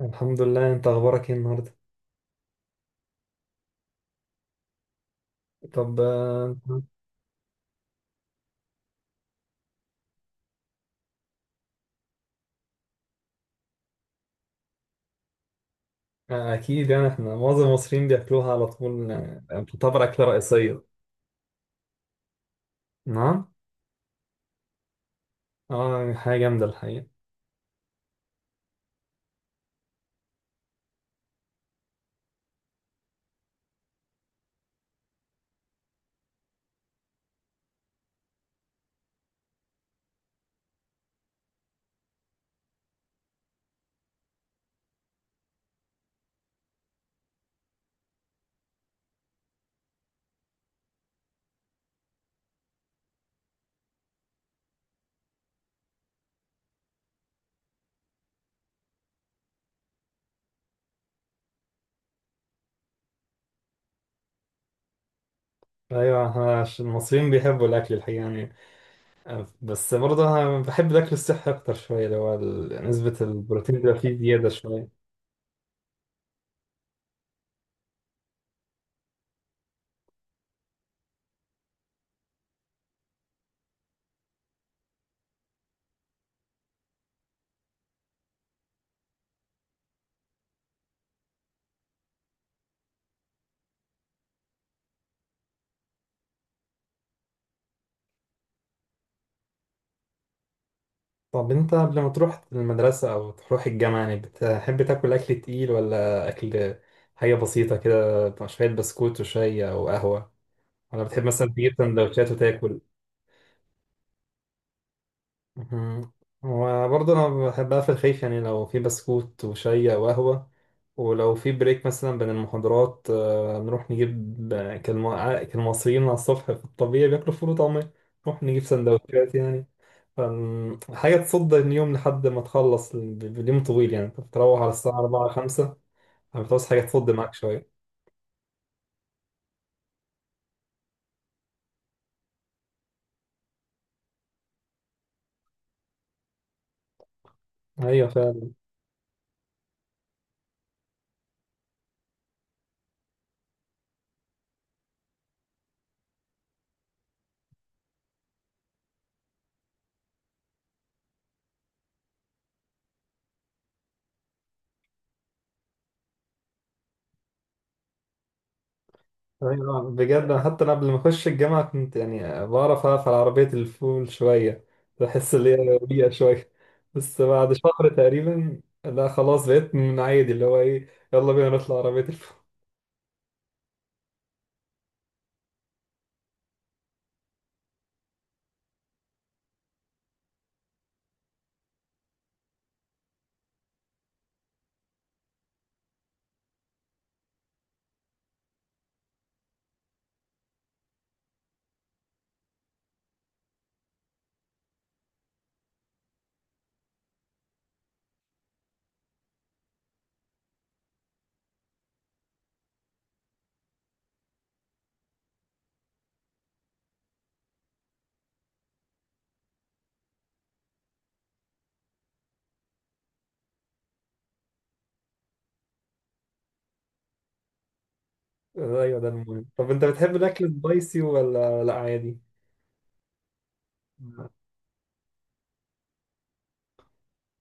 الحمد لله، انت اخبارك ايه النهارده؟ طب اكيد يعني احنا معظم المصريين بياكلوها على طول، آه، بتعتبر اكله رئيسيه. نعم. اه يعني حاجه جامده الحقيقه. ايوه احنا المصريين بيحبوا الاكل الحقيقه يعني، بس برضه انا بحب الاكل الصحي اكتر شويه اللي هو نسبه البروتين بيبقى فيه زياده شويه. طب انت قبل ما تروح المدرسه او تروح الجامعه يعني بتحب تاكل اكل تقيل، ولا اكل حاجه بسيطه كده شويه بسكوت وشاي او قهوه؟ انا بتحب مثلا تجيب سندوتشات وتاكل؟ مهم. وبرضه انا بحب اقفل خفيف يعني لو في بسكوت وشاي او قهوه، ولو في بريك مثلا بين المحاضرات نروح نجيب، كالمصريين على الصبح في الطبيعي بياكلوا فول وطعمية، نروح نجيب سندوتشات يعني. حاجة تصد اليوم لحد ما تخلص اليوم طويل يعني، انت بتروح على الساعة 4 5 فبتعوز حاجة تصد معاك شوية. أيوة. ايوه بجد، أنا حتى انا قبل ما اخش الجامعه كنت يعني بعرف اقف على عربيه الفول شويه، بحس ان هي بيئه شويه، بس بعد شهر تقريبا لا خلاص بقيت من عادي اللي هو ايه يلا بينا نطلع عربيه الفول. ايوه ده المهم. طب انت بتحب الاكل سبايسي ولا لا عادي؟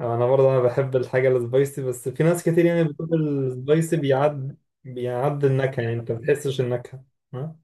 انا برضه انا بحب الحاجه السبايسي، بس في ناس كتير يعني بتقول السبايسي بيعد، بيعد النكهه يعني انت ما بتحسش النكهه. ها؟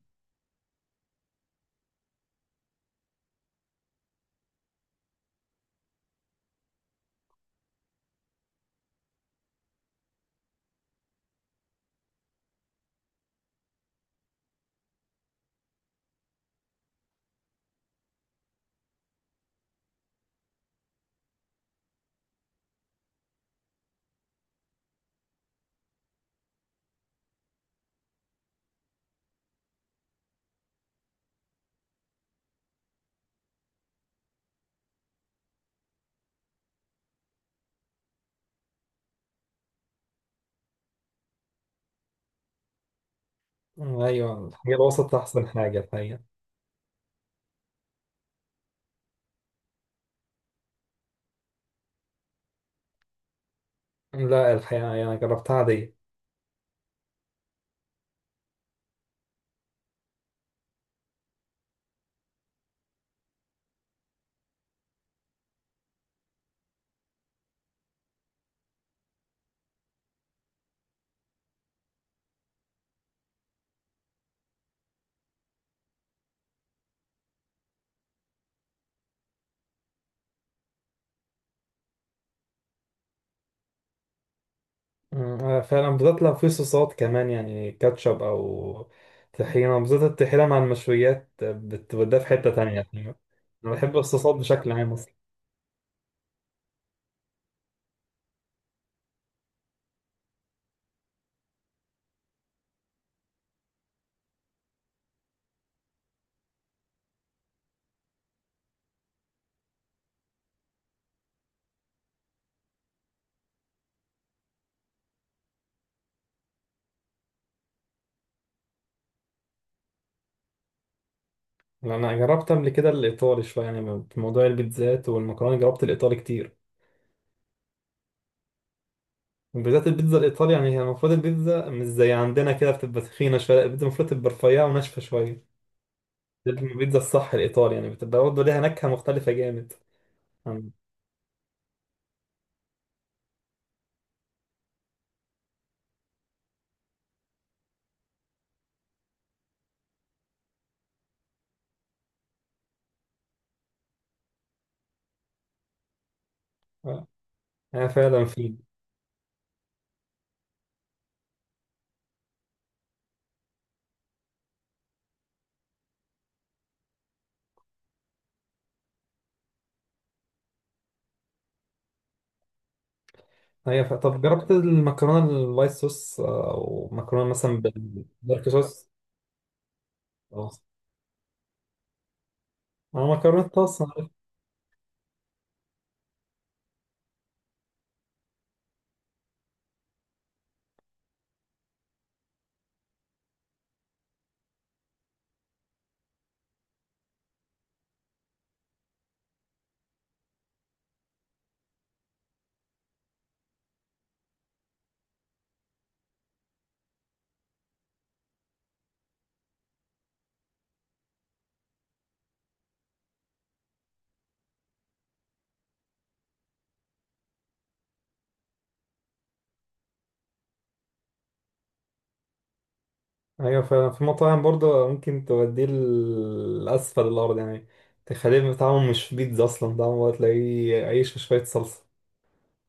ايوه الحاجه الوسط احسن حاجه الحقيقه. لا الحقيقة يعني جربتها عادية. مم، أنا فعلا بالذات لو في صوصات كمان يعني كاتشب أو طحينة، بالذات الطحينة مع المشويات بتوديها في حتة تانية يعني. أنا بحب الصوصات بشكل عام أصلا. لأن أنا جربت قبل كده الإيطالي شوية يعني في موضوع البيتزات والمكرونة، جربت الإيطالي كتير. وبالذات البيتزا الإيطالي، يعني هي المفروض البيتزا مش زي عندنا كده بتبقى تخينة شوية، لا، البيتزا المفروض تبقى رفيعة وناشفة شوية. دي البيتزا الصح الإيطالي يعني بتبقى برضه ليها نكهة مختلفة جامد. عن- أنا فعلا في. طب جربت المكرونه الوايت صوص، او مكرونه مثلا بالدارك صوص؟ اه انا مكرونه طاس. ايوه فعلا في مطاعم برضه ممكن توديه لاسفل الارض يعني، تخليه طعمه مش بيتزا اصلا، طعمه تلاقيه عيش وشويه صلصه،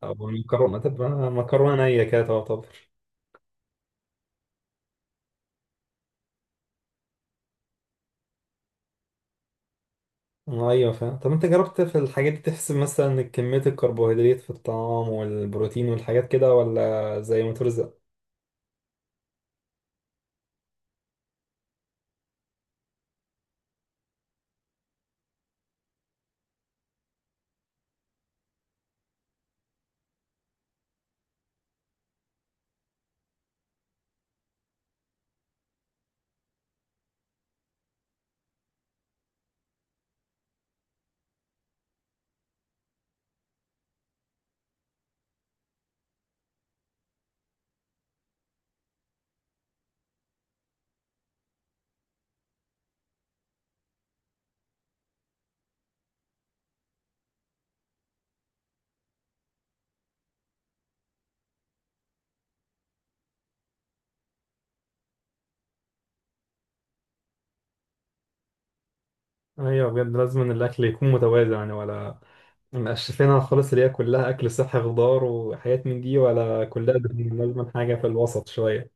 او المكرونه تبقى مكرونه نيه كده تعتبر. ايوه فعلا. طب انت جربت في الحاجات دي تحسب مثلا كميه الكربوهيدرات في الطعام والبروتين والحاجات كده، ولا زي ما ترزق؟ ايوه بجد لازم إن الاكل يكون متوازن يعني، ولا مقشفينها خالص اللي هي كلها أكل صحي خضار وحاجات من دي، ولا كلها دهون؟ لازم حاجة في الوسط شوية.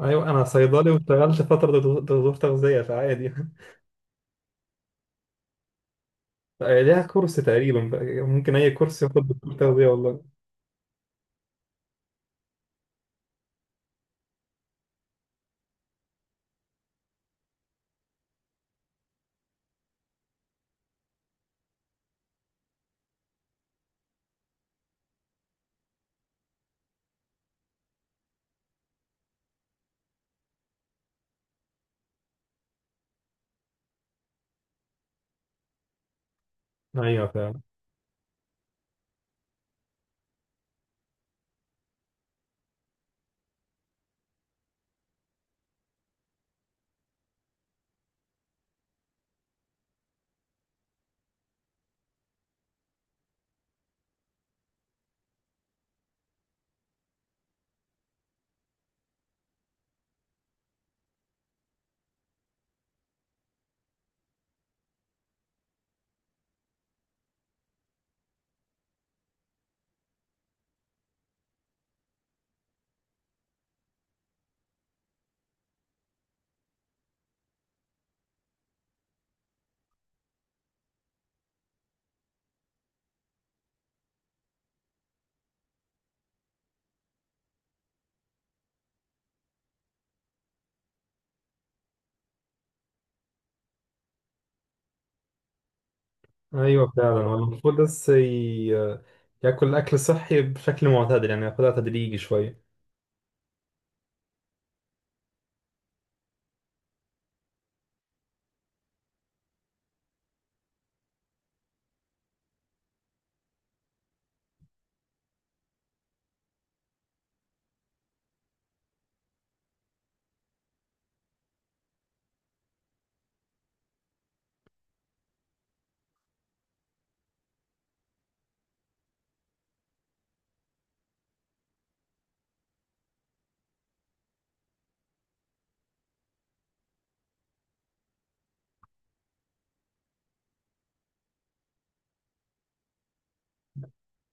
أيوة. أنا صيدلي واشتغلت فترة دكتور، دكتور تغذية فعادي. ليها كورس تقريبا. ممكن أي كورس ياخد دكتور تغذية والله. أيوه فعلا. أيوه فعلا، هو المفروض بس ياكل أكل صحي بشكل معتدل يعني، ياخدها تدريجي شوية.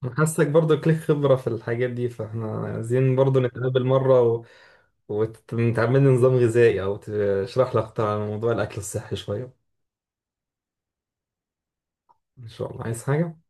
أنا حاسك برضو ليك خبرة في الحاجات دي، فاحنا عايزين برضو نتقابل مرة، وتعمل لي نظام غذائي او تشرح لي اكتر عن موضوع الاكل الصحي شويه. ان شاء الله عايز حاجه.